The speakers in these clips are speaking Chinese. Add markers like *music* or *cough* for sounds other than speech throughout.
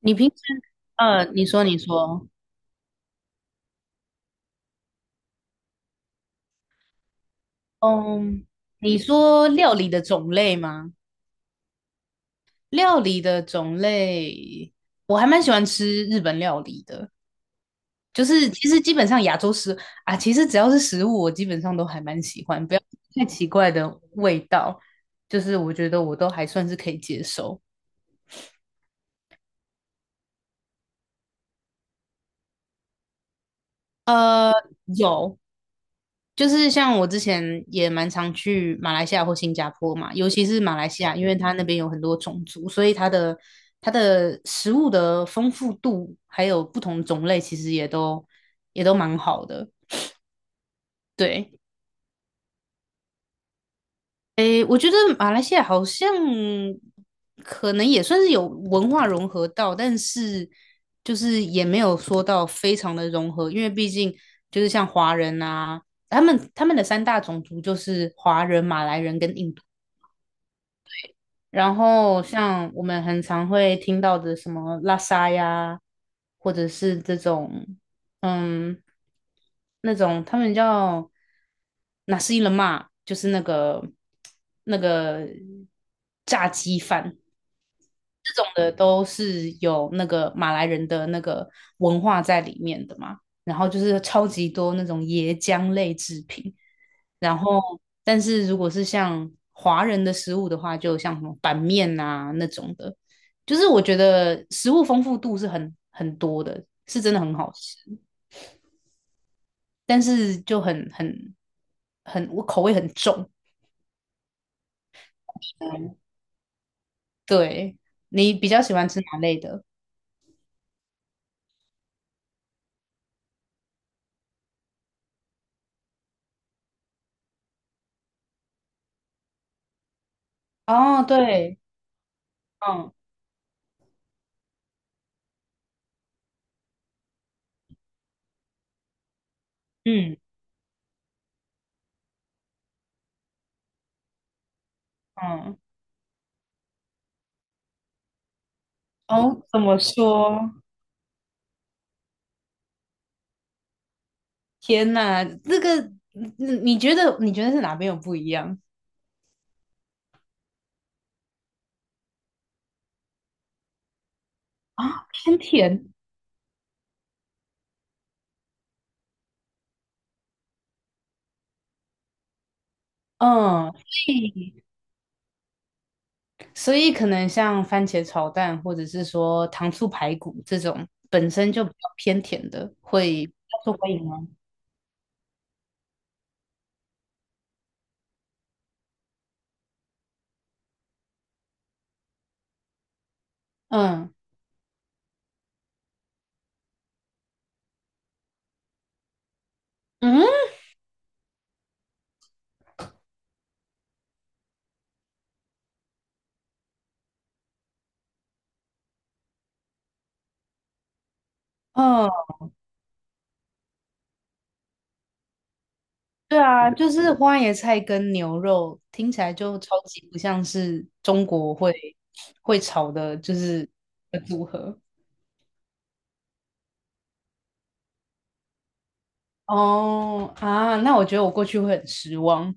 你平时，呃，嗯，你说料理的种类吗？料理的种类，我还蛮喜欢吃日本料理的，就是其实基本上亚洲食啊，其实只要是食物，我基本上都还蛮喜欢，不要太奇怪的味道，就是我觉得我都还算是可以接受。呃，有，就是像我之前也蛮常去马来西亚或新加坡嘛，尤其是马来西亚，因为它那边有很多种族，所以它的食物的丰富度还有不同种类，其实也都蛮好的。对，诶，我觉得马来西亚好像可能也算是有文化融合到，但是就是也没有说到非常的融合，因为毕竟就是像华人啊，他们的三大种族就是华人、马来人跟印度。然后像我们很常会听到的什么拉沙呀，或者是这种，嗯，那种他们叫哪是伊勒嘛，就是那个炸鸡饭，这种的都是有那个马来人的那个文化在里面的嘛。然后就是超级多那种椰浆类制品，然后但是如果是像华人的食物的话，就像什么板面啊那种的，就是我觉得食物丰富度是很多的，是真的很好吃，但是就很很很我口味很重。嗯，对，你比较喜欢吃哪类的？哦，对，嗯嗯嗯。哦，怎么说？天呐，你觉得是哪边有不一样？啊，偏甜，嗯，所以所以可能像番茄炒蛋，或者是说糖醋排骨这种本身就比较偏甜的，会比较受欢迎吗？嗯嗯，嗯，对啊，就是花椰菜跟牛肉听起来就超级不像是中国会炒的，就是的组合。哦啊，那我觉得我过去会很失望，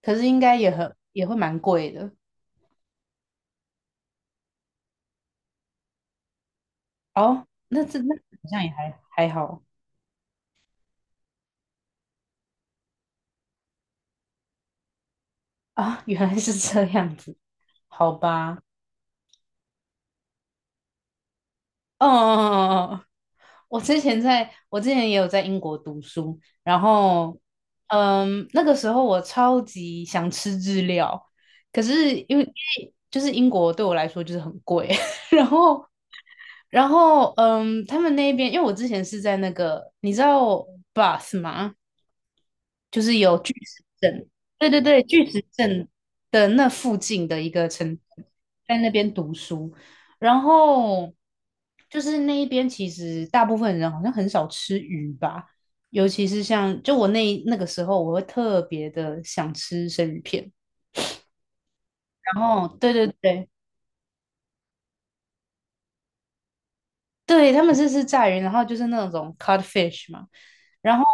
可是应该也会蛮贵的。哦，那好像也还好啊，原来是这样子，好吧。哦哦哦哦，我之前也有在英国读书，然后那个时候我超级想吃日料，可是因为就是英国对我来说就是很贵，*laughs* 然后然后，他们那边，因为我之前是在那个，你知道 Bus 吗？就是有巨石阵，对对对，巨石阵的那附近的一个城，在那边读书。然后就是那一边，其实大部分人好像很少吃鱼吧，尤其是像就我那个时候，我会特别的想吃生鱼片。然后，对对对，对，他们是炸鱼，然后就是那种 codfish 嘛，然后，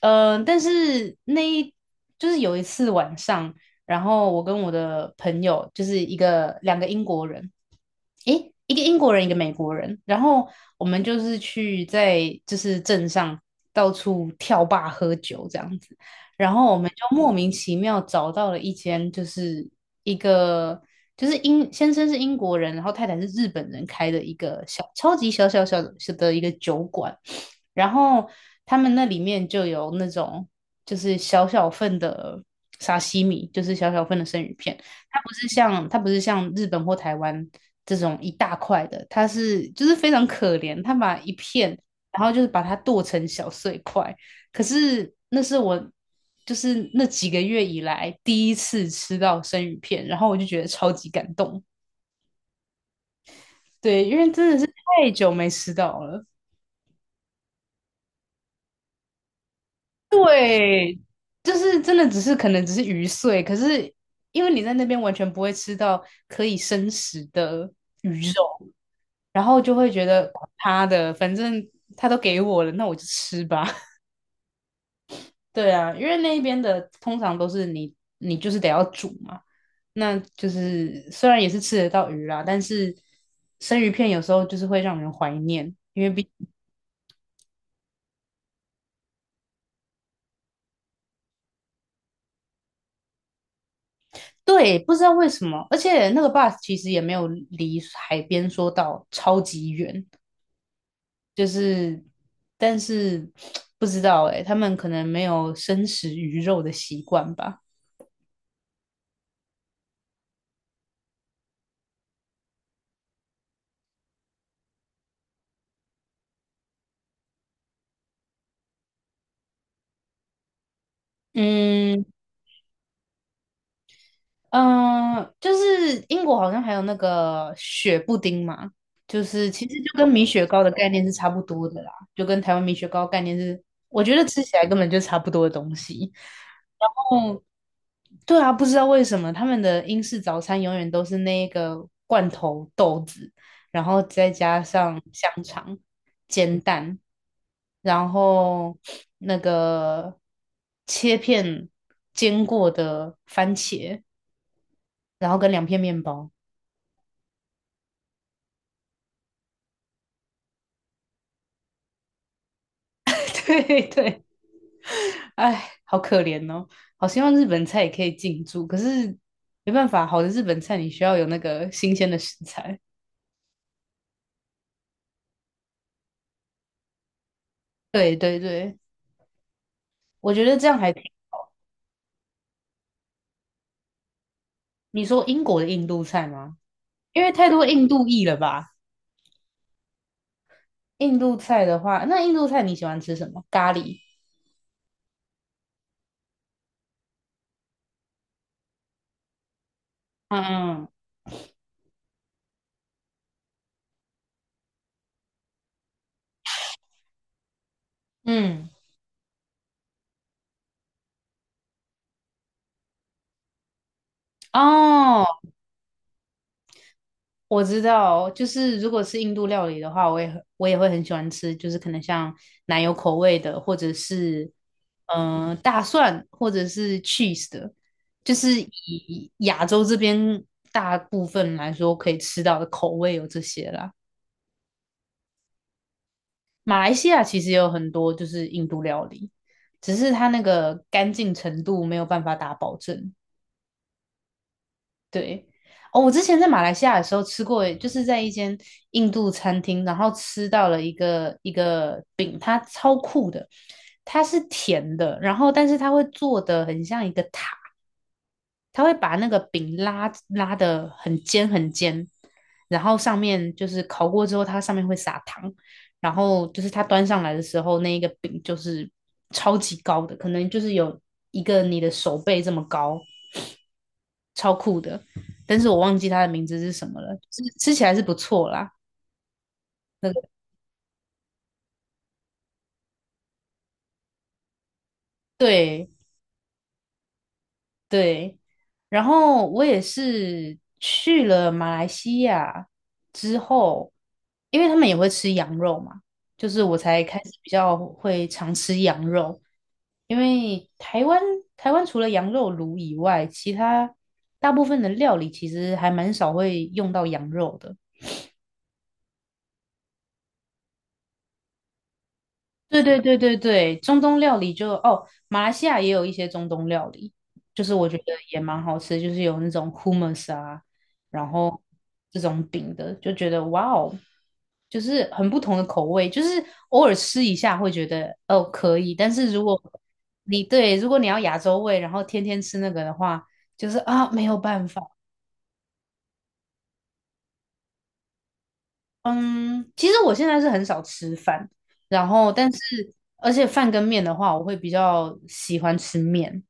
但是就是有一次晚上，然后我跟我的朋友就是一个两个英国人，诶，一个英国人，一个美国人，然后我们就是去在就是镇上到处跳坝喝酒这样子。然后我们就莫名其妙找到了一间，就是一个就是英先生是英国人，然后太太是日本人开的一个小超级小小小的小的一个酒馆，然后他们那里面就有那种就是小小份的沙西米，就是小小份的生鱼片，它不是像日本或台湾这种一大块的，它是就是非常可怜，它把一片。然后就是把它剁成小碎块，可是那是我就是那几个月以来第一次吃到生鱼片，然后我就觉得超级感动。对，因为真的是太久没吃到了。对，就是真的只是可能只是鱼碎，可是因为你在那边完全不会吃到可以生食的鱼肉，然后就会觉得管他的，反正他都给我了，那我就吃吧。对啊，因为那一边的通常都是你就是得要煮嘛。那就是虽然也是吃得到鱼啦，但是生鱼片有时候就是会让人怀念，因为毕对不知道为什么，而且那个 bus 其实也没有离海边说到超级远，就是但是 *tsk* 不知道诶、他们可能没有生食鱼肉的习惯吧。嗯，嗯，就是英国好像还有那个雪布丁嘛，就是其实就跟米雪糕的概念是差不多的啦，就跟台湾米雪糕概念是，我觉得吃起来根本就差不多的东西。哦，对啊，不知道为什么他们的英式早餐永远都是那个罐头豆子，然后再加上香肠、煎蛋，然后那个切片煎过的番茄。然后跟两片面包。*laughs* 对对，哎，好可怜哦！好希望日本菜也可以进驻，可是没办法，好的日本菜你需要有那个新鲜的食材。*laughs* 对对对，我觉得这样还挺你说英国的印度菜吗？因为太多印度裔了吧？印度菜的话，那印度菜你喜欢吃什么？咖喱。嗯嗯嗯，哦，我知道，就是如果是印度料理的话，我也会很喜欢吃，就是可能像奶油口味的，或者是大蒜，或者是 cheese 的，就是以亚洲这边大部分来说可以吃到的口味有这些啦。马来西亚其实也有很多就是印度料理，只是它那个干净程度没有办法打保证。对，哦，我之前在马来西亚的时候吃过，就是在一间印度餐厅，然后吃到了一个饼，它超酷的，它是甜的，然后但是它会做的很像一个塔，它会把那个饼拉拉的很尖很尖，然后上面就是烤过之后，它上面会撒糖，然后就是它端上来的时候，那一个饼就是超级高的，可能就是有一个你的手背这么高，超酷的，但是我忘记它的名字是什么了。吃起来是不错啦，那个对对。然后我也是去了马来西亚之后，因为他们也会吃羊肉嘛，就是我才开始比较会常吃羊肉。因为台湾除了羊肉炉以外，其他大部分的料理其实还蛮少会用到羊肉的。对对对对对，中东料理就哦，马来西亚也有一些中东料理，就是我觉得也蛮好吃，就是有那种 humus 啊，然后这种饼的，就觉得哇哦，就是很不同的口味，就是偶尔吃一下会觉得哦可以，但是如果你要亚洲味，然后天天吃那个的话，就是啊没有办法。嗯，其实我现在是很少吃饭，然后但是而且饭跟面的话，我会比较喜欢吃面。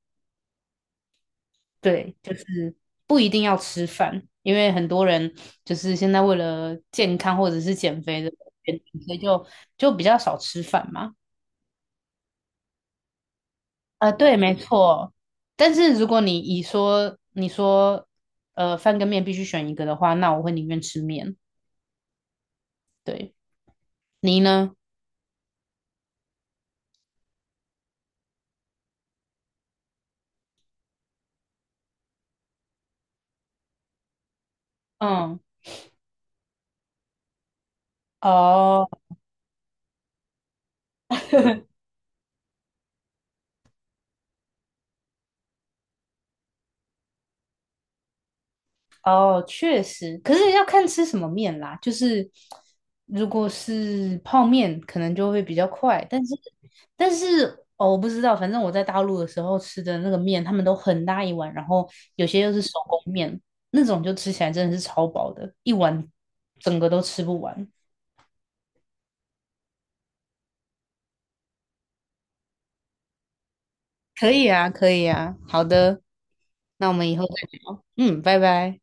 对，就是不一定要吃饭，因为很多人就是现在为了健康或者是减肥的原因，所以就比较少吃饭嘛。啊，对，没错。但是如果你说饭跟面必须选一个的话，那我会宁愿吃面。对，你呢？嗯，哦，*laughs* 哦，确实，可是要看吃什么面啦。就是如果是泡面，可能就会比较快，但是但是哦，我不知道，反正我在大陆的时候吃的那个面，他们都很大一碗，然后有些又是手工面，那种就吃起来真的是超饱的，一碗整个都吃不完。可以啊，可以啊，好的，那我们以后再聊。嗯，拜拜。